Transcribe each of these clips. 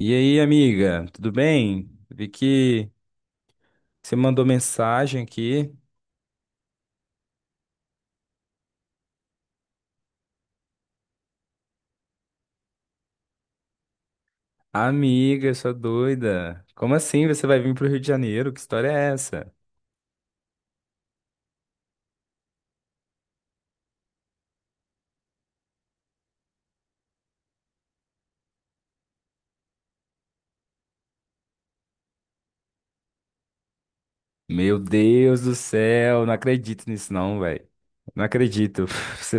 E aí, amiga, tudo bem? Vi que você mandou mensagem aqui. Amiga, sua doida. Como assim você vai vir pro Rio de Janeiro? Que história é essa? Meu Deus do céu, não acredito nisso não, velho. Não acredito. Você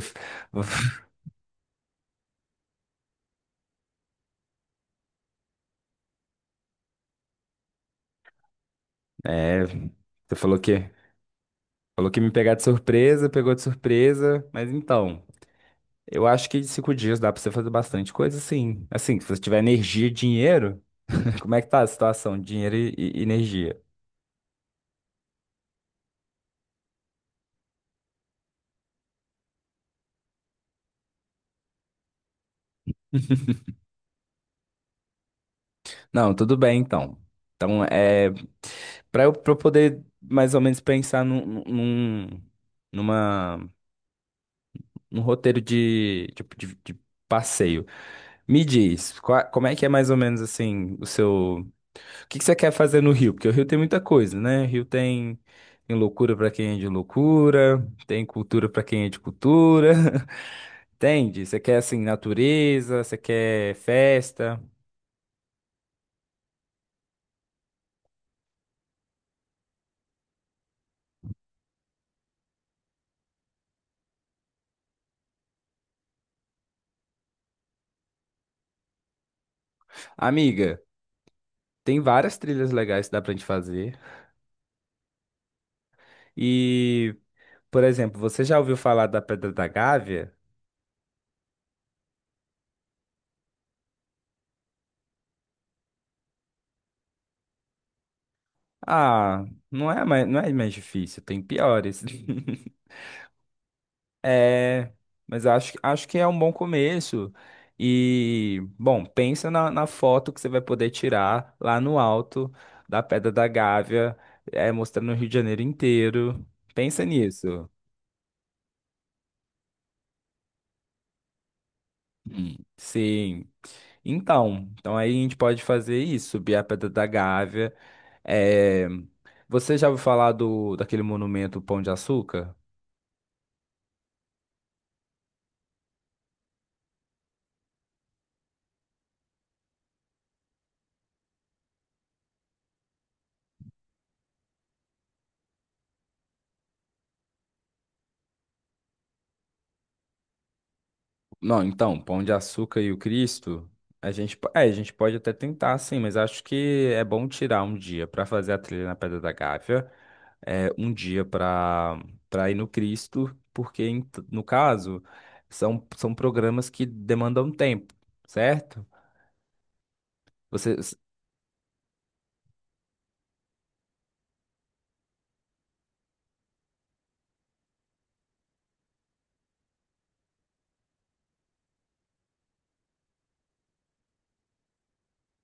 você falou que me pegar de surpresa, pegou de surpresa, mas então, eu acho que em cinco dias dá pra você fazer bastante coisa, sim. Assim, se você tiver energia e dinheiro, como é que tá a situação? Dinheiro e energia? Não, tudo bem então. Então, para eu, pra eu poder mais ou menos pensar numa, num roteiro de passeio. Me diz, como é que é mais ou menos assim o seu. O que que você quer fazer no Rio? Porque o Rio tem muita coisa, né? O Rio tem, tem loucura pra quem é de loucura, tem cultura pra quem é de cultura. Entende? Você quer assim natureza, você quer festa. Amiga, tem várias trilhas legais que dá pra gente fazer. E, por exemplo, você já ouviu falar da Pedra da Gávea? Ah, não é mais difícil, tem piores. É, mas acho que é um bom começo. E, bom, pensa na foto que você vai poder tirar lá no alto da Pedra da Gávea, é, mostrando o Rio de Janeiro inteiro. Pensa nisso. Hum. Sim. Então, então aí a gente pode fazer isso, subir a Pedra da Gávea. É, você já ouviu falar daquele monumento Pão de Açúcar? Não, então, Pão de Açúcar e o Cristo, a gente, a gente pode até tentar, sim, mas acho que é bom tirar um dia para fazer a trilha na Pedra da Gávea, é, um dia para ir no Cristo, porque no caso são, são programas que demandam tempo, certo? Você,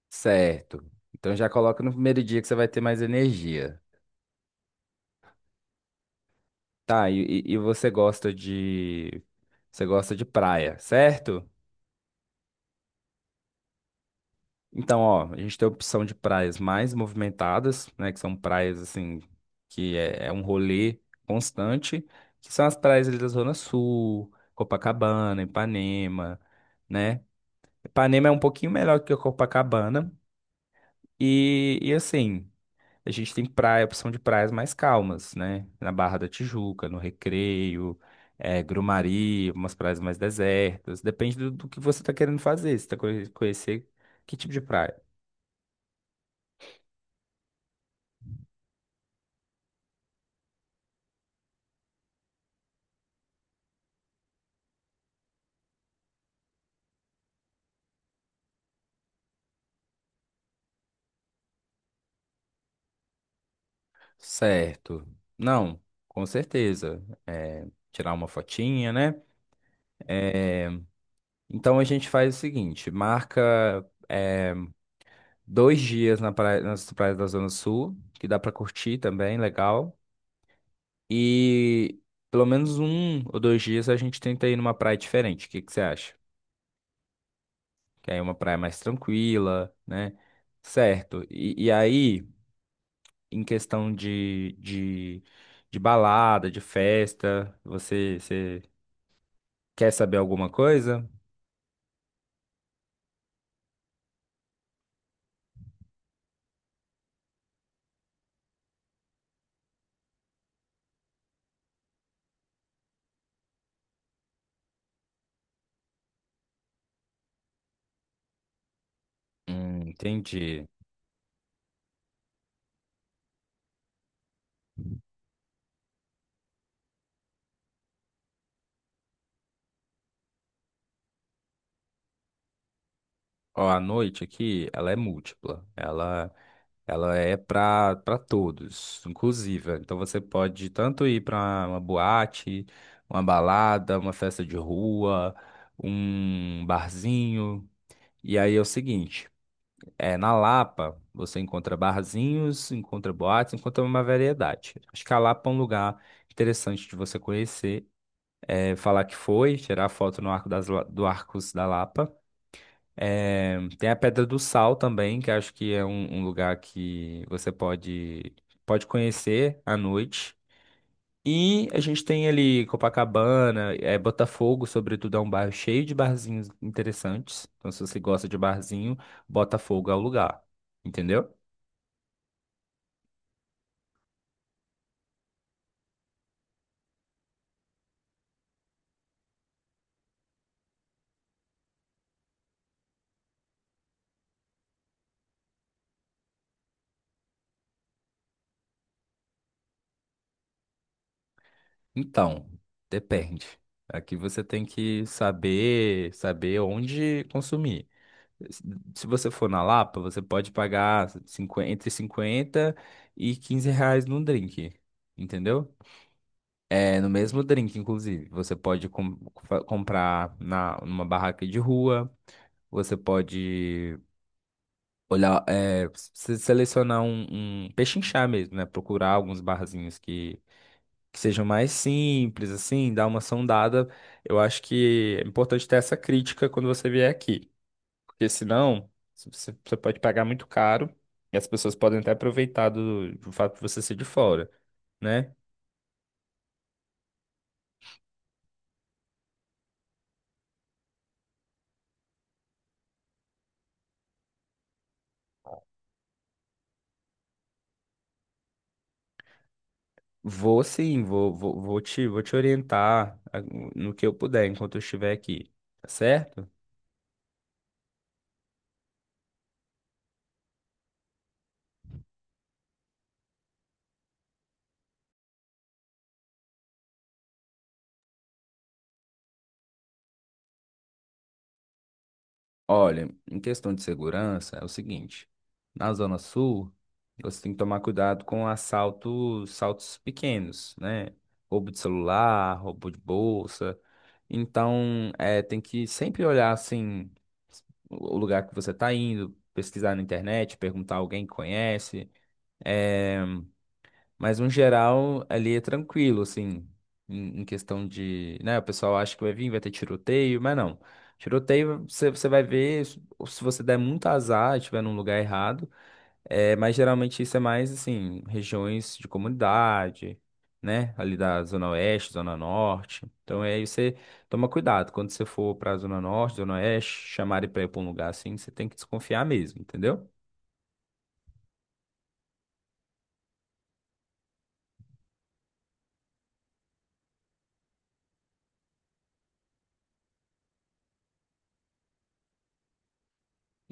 certo. Então já coloca no primeiro dia que você vai ter mais energia. Tá, e, e você gosta de. Você gosta de praia, certo? Então, ó, a gente tem a opção de praias mais movimentadas, né? Que são praias assim, que é, é um rolê constante, que são as praias ali da Zona Sul, Copacabana, Ipanema, né? Ipanema é um pouquinho melhor que a Copacabana. E assim. A gente tem praia, opção de praias mais calmas, né? Na Barra da Tijuca, no Recreio, Grumari, umas praias mais desertas. Depende do que você está querendo fazer. Você está conhecer que tipo de praia? Certo. Não, com certeza. Tirar uma fotinha, né? Eh, então a gente faz o seguinte: marca dois dias na praia, nas praias da Zona Sul, que dá para curtir também, legal. E pelo menos um ou dois dias a gente tenta ir numa praia diferente. O que que você acha? Que aí é uma praia mais tranquila, né? Certo. E aí, em questão de balada, de festa, você, você quer saber alguma coisa? Entendi. Ó, a noite aqui, ela é múltipla. Ela. Ela é para todos, inclusive. Então você pode tanto ir para uma boate, uma balada, uma festa de rua, um barzinho. E aí é o seguinte, é na Lapa você encontra barzinhos, encontra boates, encontra uma variedade. Acho que a Lapa é um lugar interessante de você conhecer, é, falar que foi, tirar foto no arco das, La- do Arcos da Lapa. É, tem a Pedra do Sal também, que acho que é um, um lugar que você pode, pode conhecer à noite. E a gente tem ali Copacabana, é, Botafogo, sobretudo, é um bairro cheio de barzinhos interessantes. Então, se você gosta de barzinho, Botafogo é o lugar. Entendeu? Então, depende. Aqui você tem que saber, saber onde consumir. Se você for na Lapa, você pode pagar 50 entre 50 e 15 reais num drink, entendeu? É, no mesmo drink, inclusive. Você pode comprar numa barraca de rua, você pode olhar, é, selecionar um, um pechinchar mesmo, né? Procurar alguns barzinhos que sejam mais simples, assim, dar uma sondada. Eu acho que é importante ter essa crítica quando você vier aqui. Porque senão, se você pode pagar muito caro e as pessoas podem até aproveitar do fato de você ser de fora, né? Vou sim, vou vou te orientar ah, no que eu puder enquanto eu estiver aqui, tá certo? Olha, em questão de segurança, é o seguinte: na Zona Sul, você tem que tomar cuidado com assaltos, assaltos pequenos, né? Roubo de celular, roubo de bolsa. Então, é, tem que sempre olhar assim o lugar que você está indo, pesquisar na internet, perguntar a alguém que conhece. Mas, no geral, ali é tranquilo, assim, em questão de, né, o pessoal acha que vai vir, vai ter tiroteio, mas não. Tiroteio, você vai ver se você der muito azar, estiver num lugar errado, é, mas geralmente isso é mais, assim, regiões de comunidade, né, ali da Zona Oeste, Zona Norte. Então, aí você toma cuidado, quando você for pra Zona Norte, Zona Oeste, chamarem pra ir pra um lugar assim, você tem que desconfiar mesmo, entendeu?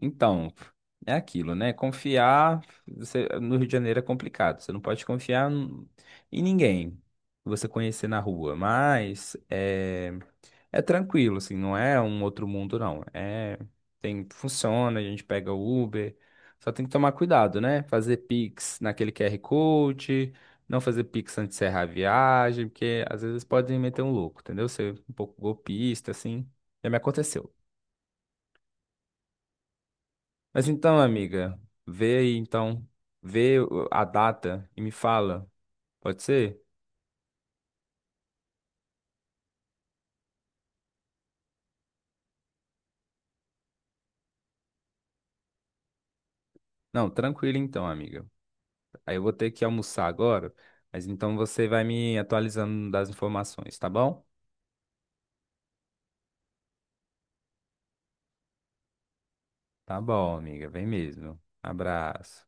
Então, é aquilo, né? Confiar você- no Rio de Janeiro é complicado. Você não pode confiar em ninguém que você conhecer na rua. Mas é, é tranquilo, assim, não é um outro mundo, não. É, tem, funciona, a gente pega o Uber. Só tem que tomar cuidado, né? Fazer Pix naquele QR Code, não fazer Pix antes de encerrar a viagem, porque às vezes podem meter um louco, entendeu? Ser um pouco golpista, assim. Já me aconteceu. Mas então, amiga, vê aí então, a data e me fala. Pode ser? Não, tranquilo então, amiga. Aí eu vou ter que almoçar agora, mas então você vai me atualizando das informações, tá bom? Tá bom, amiga, vem mesmo. Abraço.